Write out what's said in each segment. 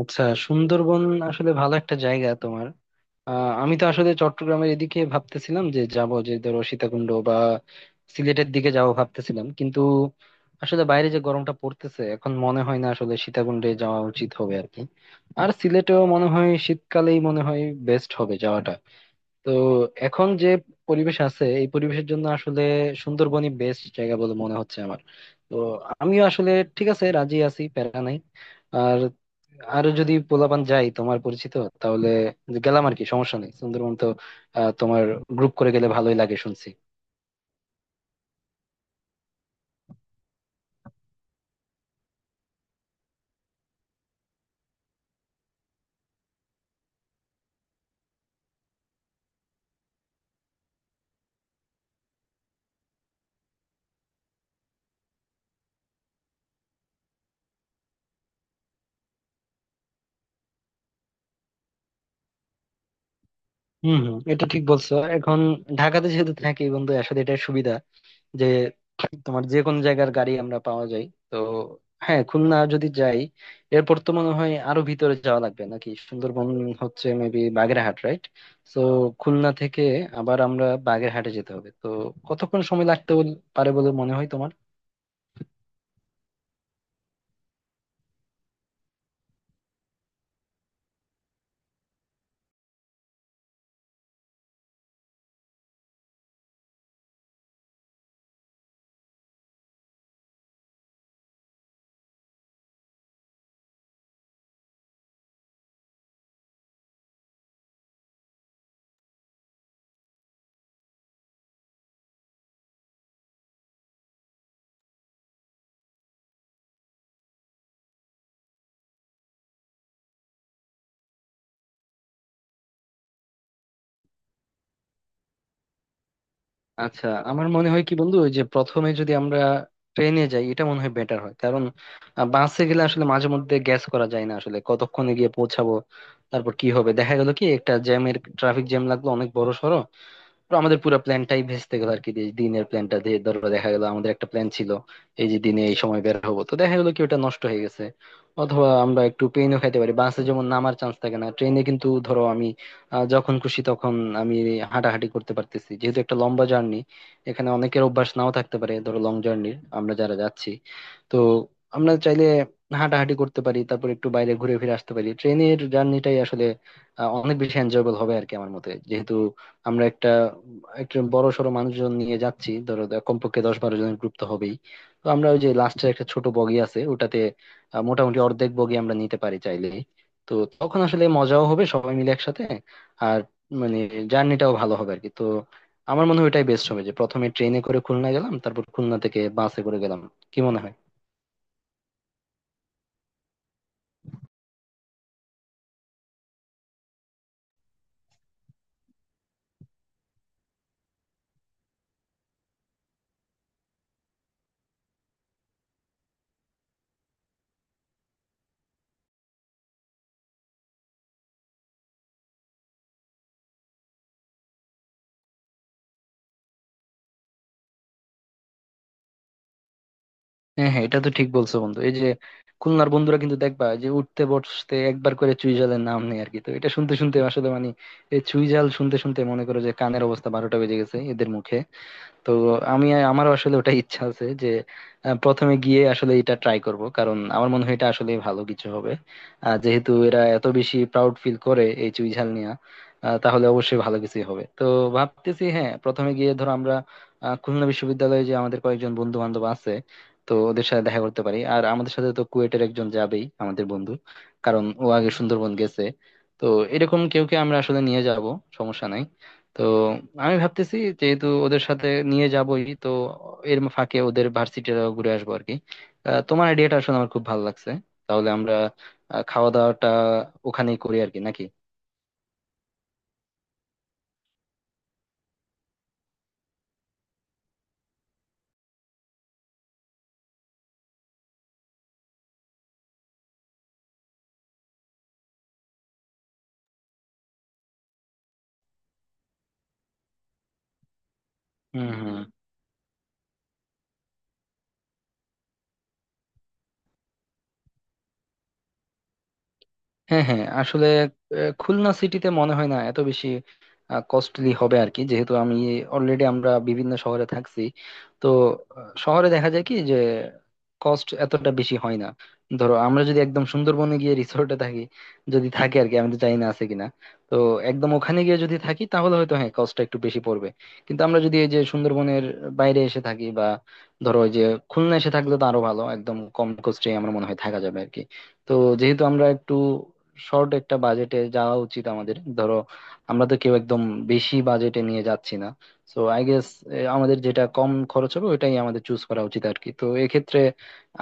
আচ্ছা, সুন্দরবন আসলে ভালো একটা জায়গা। তোমার আমি তো আসলে চট্টগ্রামের এদিকে ভাবতেছিলাম, যে যাব, যে ধরো সীতাকুণ্ড বা সিলেটের দিকে যাব ভাবতেছিলাম। কিন্তু আসলে বাইরে যে গরমটা পড়তেছে, এখন মনে হয় না আসলে সীতাকুণ্ডে যাওয়া উচিত হবে আর কি। আর সিলেটেও মনে হয় শীতকালেই মনে হয় বেস্ট হবে যাওয়াটা। তো এখন যে পরিবেশ আছে, এই পরিবেশের জন্য আসলে সুন্দরবনই বেস্ট জায়গা বলে মনে হচ্ছে আমার। তো আমিও আসলে ঠিক আছে, রাজি আছি, প্যারা নাই। আর আরো যদি পোলাপান যাই তোমার পরিচিত, তাহলে গেলাম আর কি, সমস্যা নেই। সুন্দরবন তো তোমার গ্রুপ করে গেলে ভালোই লাগে শুনছি। হম হম, এটা ঠিক বলছো। এখন ঢাকাতে যেহেতু থাকি বন্ধু, আসলে এটা সুবিধা, যে তোমার যে কোন জায়গার গাড়ি আমরা পাওয়া যায়। তো হ্যাঁ, খুলনা যদি যাই, এরপর তো মনে হয় আরো ভিতরে যাওয়া লাগবে নাকি? সুন্দরবন হচ্ছে মেবি বাগেরহাট, রাইট? তো খুলনা থেকে আবার আমরা বাগেরহাটে যেতে হবে, তো কতক্ষণ সময় লাগতে পারে বলে মনে হয় তোমার? আচ্ছা, আমার মনে হয় কি বন্ধু, ওই যে প্রথমে যদি আমরা ট্রেনে যাই, এটা মনে হয় বেটার হয়। কারণ বাসে গেলে আসলে মাঝে মধ্যে গ্যাস করা যায় না আসলে, কতক্ষণে গিয়ে পৌঁছাবো। তারপর কি হবে, দেখা গেল কি একটা জ্যামের ট্রাফিক জ্যাম লাগলো অনেক বড়। তো আমাদের পুরো প্ল্যানটাই ভেস্তে গেল আর কি, যে দিনের প্ল্যানটা, যে ধরো দেখা গেল আমাদের একটা প্ল্যান ছিল এই যে দিনে এই সময় বের হবো, তো দেখা গেলো কি ওটা নষ্ট হয়ে গেছে। অথবা আমরা একটু পেইনও খাইতে পারি বাসে, যেমন নামার চান্স থাকে না। ট্রেনে কিন্তু ধরো আমি যখন খুশি তখন আমি হাঁটাহাঁটি করতে পারতেছি, যেহেতু একটা লম্বা জার্নি। এখানে অনেকের অভ্যাস নাও থাকতে পারে ধরো লং জার্নির, আমরা যারা যাচ্ছি। তো আমরা চাইলে হাঁটাহাঁটি করতে পারি, তারপর একটু বাইরে ঘুরে ফিরে আসতে পারি। ট্রেনের জার্নিটাই আসলে অনেক বেশি এনজয়েবল হবে আর কি, আমার মতে। যেহেতু আমরা একটা একজন বড় সড়ো মানুষজন নিয়ে যাচ্ছি, ধরো কমপক্ষে 10-12 জনের গ্রুপ তো হবেই। তো আমরা ওই যে লাস্টের একটা ছোট বগি আছে, ওটাতে মোটামুটি অর্ধেক বগি আমরা নিতে পারি চাইলে। তো তখন আসলে মজাও হবে সবাই মিলে একসাথে। আর মানে জার্নিটাও ভালো হবে আর কি। তো আমার মনে হয় ওইটাই বেস্ট হবে, যে প্রথমে ট্রেনে করে খুলনা গেলাম, তারপর খুলনা থেকে বাসে করে গেলাম। কি মনে হয়? হ্যাঁ হ্যাঁ, এটা তো ঠিক বলছো বন্ধু। এই যে খুলনার বন্ধুরা কিন্তু দেখবা যে উঠতে বসতে একবার করে চুইঝালের নাম নেই আর কি। তো এটা শুনতে শুনতে আসলে মানে এই চুইঝাল শুনতে শুনতে মনে করো যে কানের অবস্থা বারোটা বেজে গেছে এদের মুখে। তো আমি আমার আসলে ওটা ইচ্ছা আছে যে প্রথমে গিয়ে আসলে এটা ট্রাই করব, কারণ আমার মনে হয় এটা আসলে ভালো কিছু হবে। যেহেতু এরা এত বেশি প্রাউড ফিল করে এই চুইঝাল নিয়ে, তাহলে অবশ্যই ভালো কিছুই হবে। তো ভাবতেছি, হ্যাঁ, প্রথমে গিয়ে ধরো আমরা খুলনা বিশ্ববিদ্যালয়ে যে আমাদের কয়েকজন বন্ধু বান্ধব আছে, তো ওদের সাথে দেখা করতে পারি। আর আমাদের সাথে তো কুয়েটের একজন যাবেই আমাদের বন্ধু, কারণ ও আগে সুন্দরবন গেছে। তো এরকম কেউ কে আমরা আসলে নিয়ে যাব, সমস্যা নাই। তো আমি ভাবতেছি যেহেতু ওদের সাথে নিয়ে যাবোই, তো এর ফাঁকে ওদের ভার্সিটিটা ঘুরে আসবো আর কি। তোমার আইডিয়াটা আসলে আমার খুব ভালো লাগছে। তাহলে আমরা খাওয়া দাওয়াটা ওখানেই করি আর কি, নাকি? হুম হুম। হ্যাঁ হ্যাঁ, আসলে খুলনা সিটিতে মনে হয় না এত বেশি কস্টলি হবে আর কি, যেহেতু আমি অলরেডি আমরা বিভিন্ন শহরে থাকছি। তো শহরে দেখা যায় কি যে কস্ট এতটা বেশি হয় না। ধরো আমরা যদি একদম সুন্দরবনে গিয়ে রিসোর্টে থাকি, যদি থাকি আর কি, আমি তো জানি না আছে কিনা। তো একদম ওখানে গিয়ে যদি থাকি তাহলে হয়তো হ্যাঁ কস্টটা একটু বেশি পড়বে। কিন্তু আমরা যদি এই যে সুন্দরবনের বাইরে এসে থাকি, বা ধরো ওই যে খুলনা এসে থাকলে তো আরো ভালো, একদম কম কস্টে আমার মনে হয় থাকা যাবে আর কি। তো যেহেতু আমরা একটু শর্ট একটা বাজেটে যাওয়া উচিত আমাদের, ধরো আমরা তো কেউ একদম বেশি বাজেটে নিয়ে যাচ্ছি না। সো আই গেস, আমাদের যেটা কম খরচ হবে ওটাই আমাদের চুজ করা উচিত আর কি। তো এক্ষেত্রে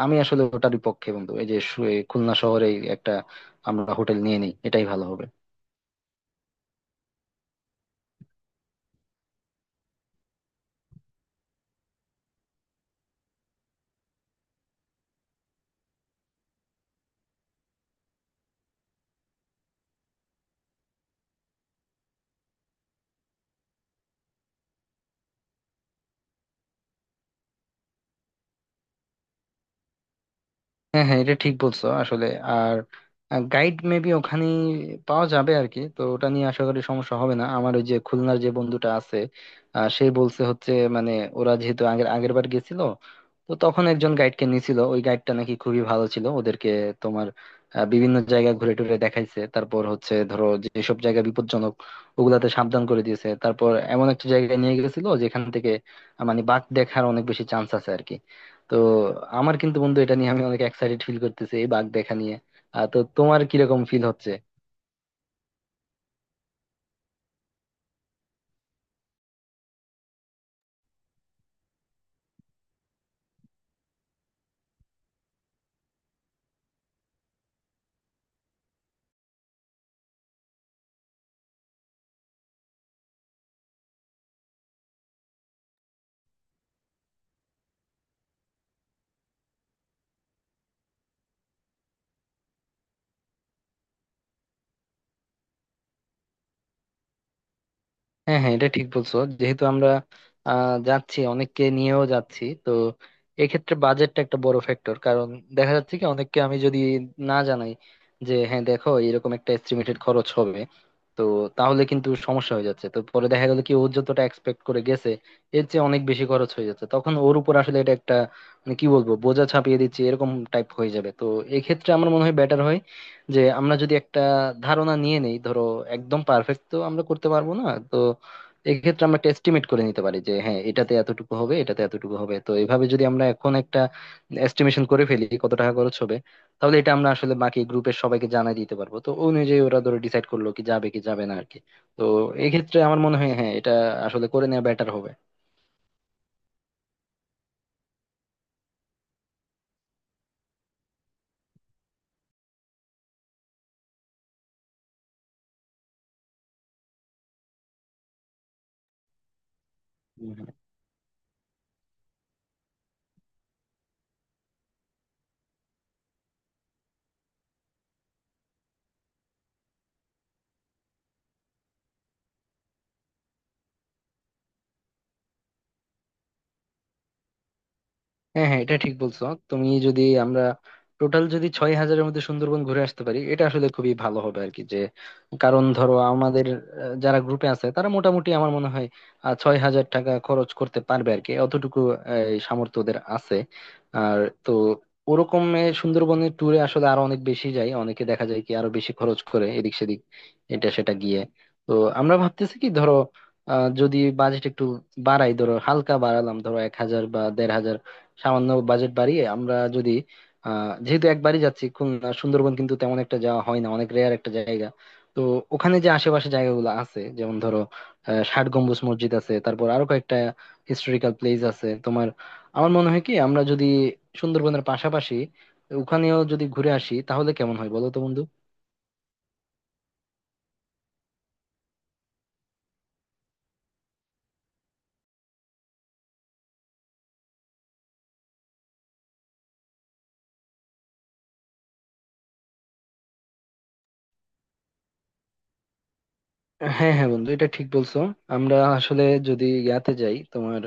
আমি আসলে ওটারই পক্ষে বন্ধু। এই যে এই খুলনা শহরে একটা আমরা হোটেল নিয়ে নিই, এটাই ভালো হবে। হ্যাঁ হ্যাঁ, এটা ঠিক বলছো আসলে। আর গাইড মেবি ওখানে পাওয়া যাবে আর কি, তো ওটা নিয়ে আশা করি সমস্যা হবে না। আমার ওই যে খুলনার যে বন্ধুটা আছে, সে বলছে হচ্ছে মানে ওরা যেহেতু আগের আগের বার গেছিল, তো তখন একজন গাইডকে নিয়েছিল। ওই গাইডটা নাকি খুবই ভালো ছিল ওদেরকে। তোমার বিভিন্ন জায়গা ঘুরে টুরে দেখাইছে। তারপর হচ্ছে ধরো যেসব জায়গা বিপজ্জনক, ওগুলাতে সাবধান করে দিয়েছে। তারপর এমন একটা জায়গায় নিয়ে গেছিল যেখান থেকে মানে বাঘ দেখার অনেক বেশি চান্স আছে আর কি। তো আমার কিন্তু বন্ধু এটা নিয়ে আমি অনেক এক্সাইটেড ফিল করতেছি, এই বাঘ দেখা নিয়ে। তো তোমার কিরকম ফিল হচ্ছে? হ্যাঁ হ্যাঁ, এটা ঠিক বলছো। যেহেতু আমরা যাচ্ছি, অনেককে নিয়েও যাচ্ছি, তো এক্ষেত্রে বাজেটটা একটা বড় ফ্যাক্টর। কারণ দেখা যাচ্ছে কি অনেককে আমি যদি না জানাই যে হ্যাঁ দেখো এরকম একটা এস্টিমেটেড খরচ হবে, তো তাহলে কিন্তু সমস্যা হয়ে যাচ্ছে। তো পরে দেখা গেল কি ও যতটা এক্সপেক্ট করে গেছে এর চেয়ে অনেক বেশি খরচ হয়ে যাচ্ছে, তখন ওর উপর আসলে এটা একটা মানে কি বলবো, বোঝা চাপিয়ে দিচ্ছে এরকম টাইপ হয়ে যাবে। তো এক্ষেত্রে আমার মনে হয় বেটার হয় যে আমরা যদি একটা ধারণা নিয়ে নেই। ধরো একদম পারফেক্ট তো আমরা করতে পারবো না, তো এক্ষেত্রে আমরা একটা এস্টিমেট করে নিতে পারি যে হ্যাঁ এটাতে এতটুকু হবে, এটাতে এতটুকু হবে। তো এইভাবে যদি আমরা এখন একটা এস্টিমেশন করে ফেলি কত টাকা খরচ হবে, তাহলে এটা আমরা আসলে বাকি গ্রুপের সবাইকে জানাই দিতে পারবো। তো ওই অনুযায়ী ওরা ধরো ডিসাইড করলো কি যাবে কি যাবে না আর কি। তো এক্ষেত্রে আমার মনে হয় হ্যাঁ এটা আসলে করে নেওয়া বেটার হবে। হ্যাঁ হ্যাঁ, এটা ঠিক বলছো। তুমি যদি আমরা টোটাল যদি 6,000-এর মধ্যে সুন্দরবন ঘুরে আসতে পারি, এটা আসলে খুবই ভালো হবে আর কি। যে কারণ ধরো আমাদের যারা গ্রুপে আছে তারা মোটামুটি আমার মনে হয় 6,000 টাকা খরচ করতে পারবে আর কি, অতটুকু এই সামর্থ্য ওদের আছে। আর তো ওরকম সুন্দরবনের ট্যুরে আসলে আরো অনেক বেশি যায়, অনেকে দেখা যায় কি আরো বেশি খরচ করে এদিক সেদিক এটা সেটা গিয়ে। তো আমরা ভাবতেছি কি ধরো যদি বাজেট একটু বাড়াই, ধরো হালকা বাড়ালাম, ধরো 1,000 বা 1,500 সামান্য বাজেট বাড়িয়ে আমরা যদি যেহেতু একবারই যাচ্ছি, খুলনা সুন্দরবন কিন্তু তেমন একটা যাওয়া হয় না, অনেক রেয়ার একটা জায়গা। তো ওখানে যে আশেপাশে জায়গাগুলো আছে, যেমন ধরো ষাট গম্বুজ মসজিদ আছে, তারপর আরো কয়েকটা হিস্টোরিক্যাল প্লেস আছে তোমার। আমার মনে হয় কি আমরা যদি সুন্দরবনের পাশাপাশি ওখানেও যদি ঘুরে আসি তাহলে কেমন হয় বলো তো বন্ধু? হ্যাঁ হ্যাঁ বন্ধু, এটা ঠিক বলছো। আমরা আসলে যদি ইয়াতে যাই তোমার,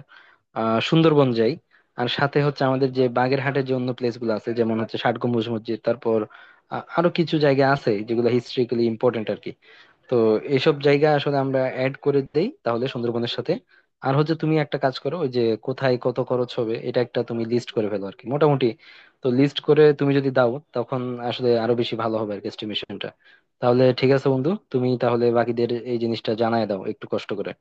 সুন্দরবন যাই আর সাথে হচ্ছে আমাদের যে বাগেরহাটের যে অন্য প্লেস গুলো আছে, যেমন হচ্ছে ষাট গম্বুজ মসজিদ, তারপর আরো কিছু জায়গা আছে যেগুলো হিস্ট্রিক্যালি ইম্পর্টেন্ট আর কি। তো এইসব জায়গা আসলে আমরা অ্যাড করে দেই, তাহলে সুন্দরবনের সাথে। আর হচ্ছে তুমি একটা কাজ করো, ওই যে কোথায় কত খরচ হবে, এটা একটা তুমি লিস্ট করে ফেলো আর কি মোটামুটি। তো লিস্ট করে তুমি যদি দাও তখন আসলে আরো বেশি ভালো হবে আর কি এস্টিমেশনটা। তাহলে ঠিক আছে বন্ধু, তুমি তাহলে বাকিদের এই জিনিসটা জানায় দাও একটু কষ্ট করে।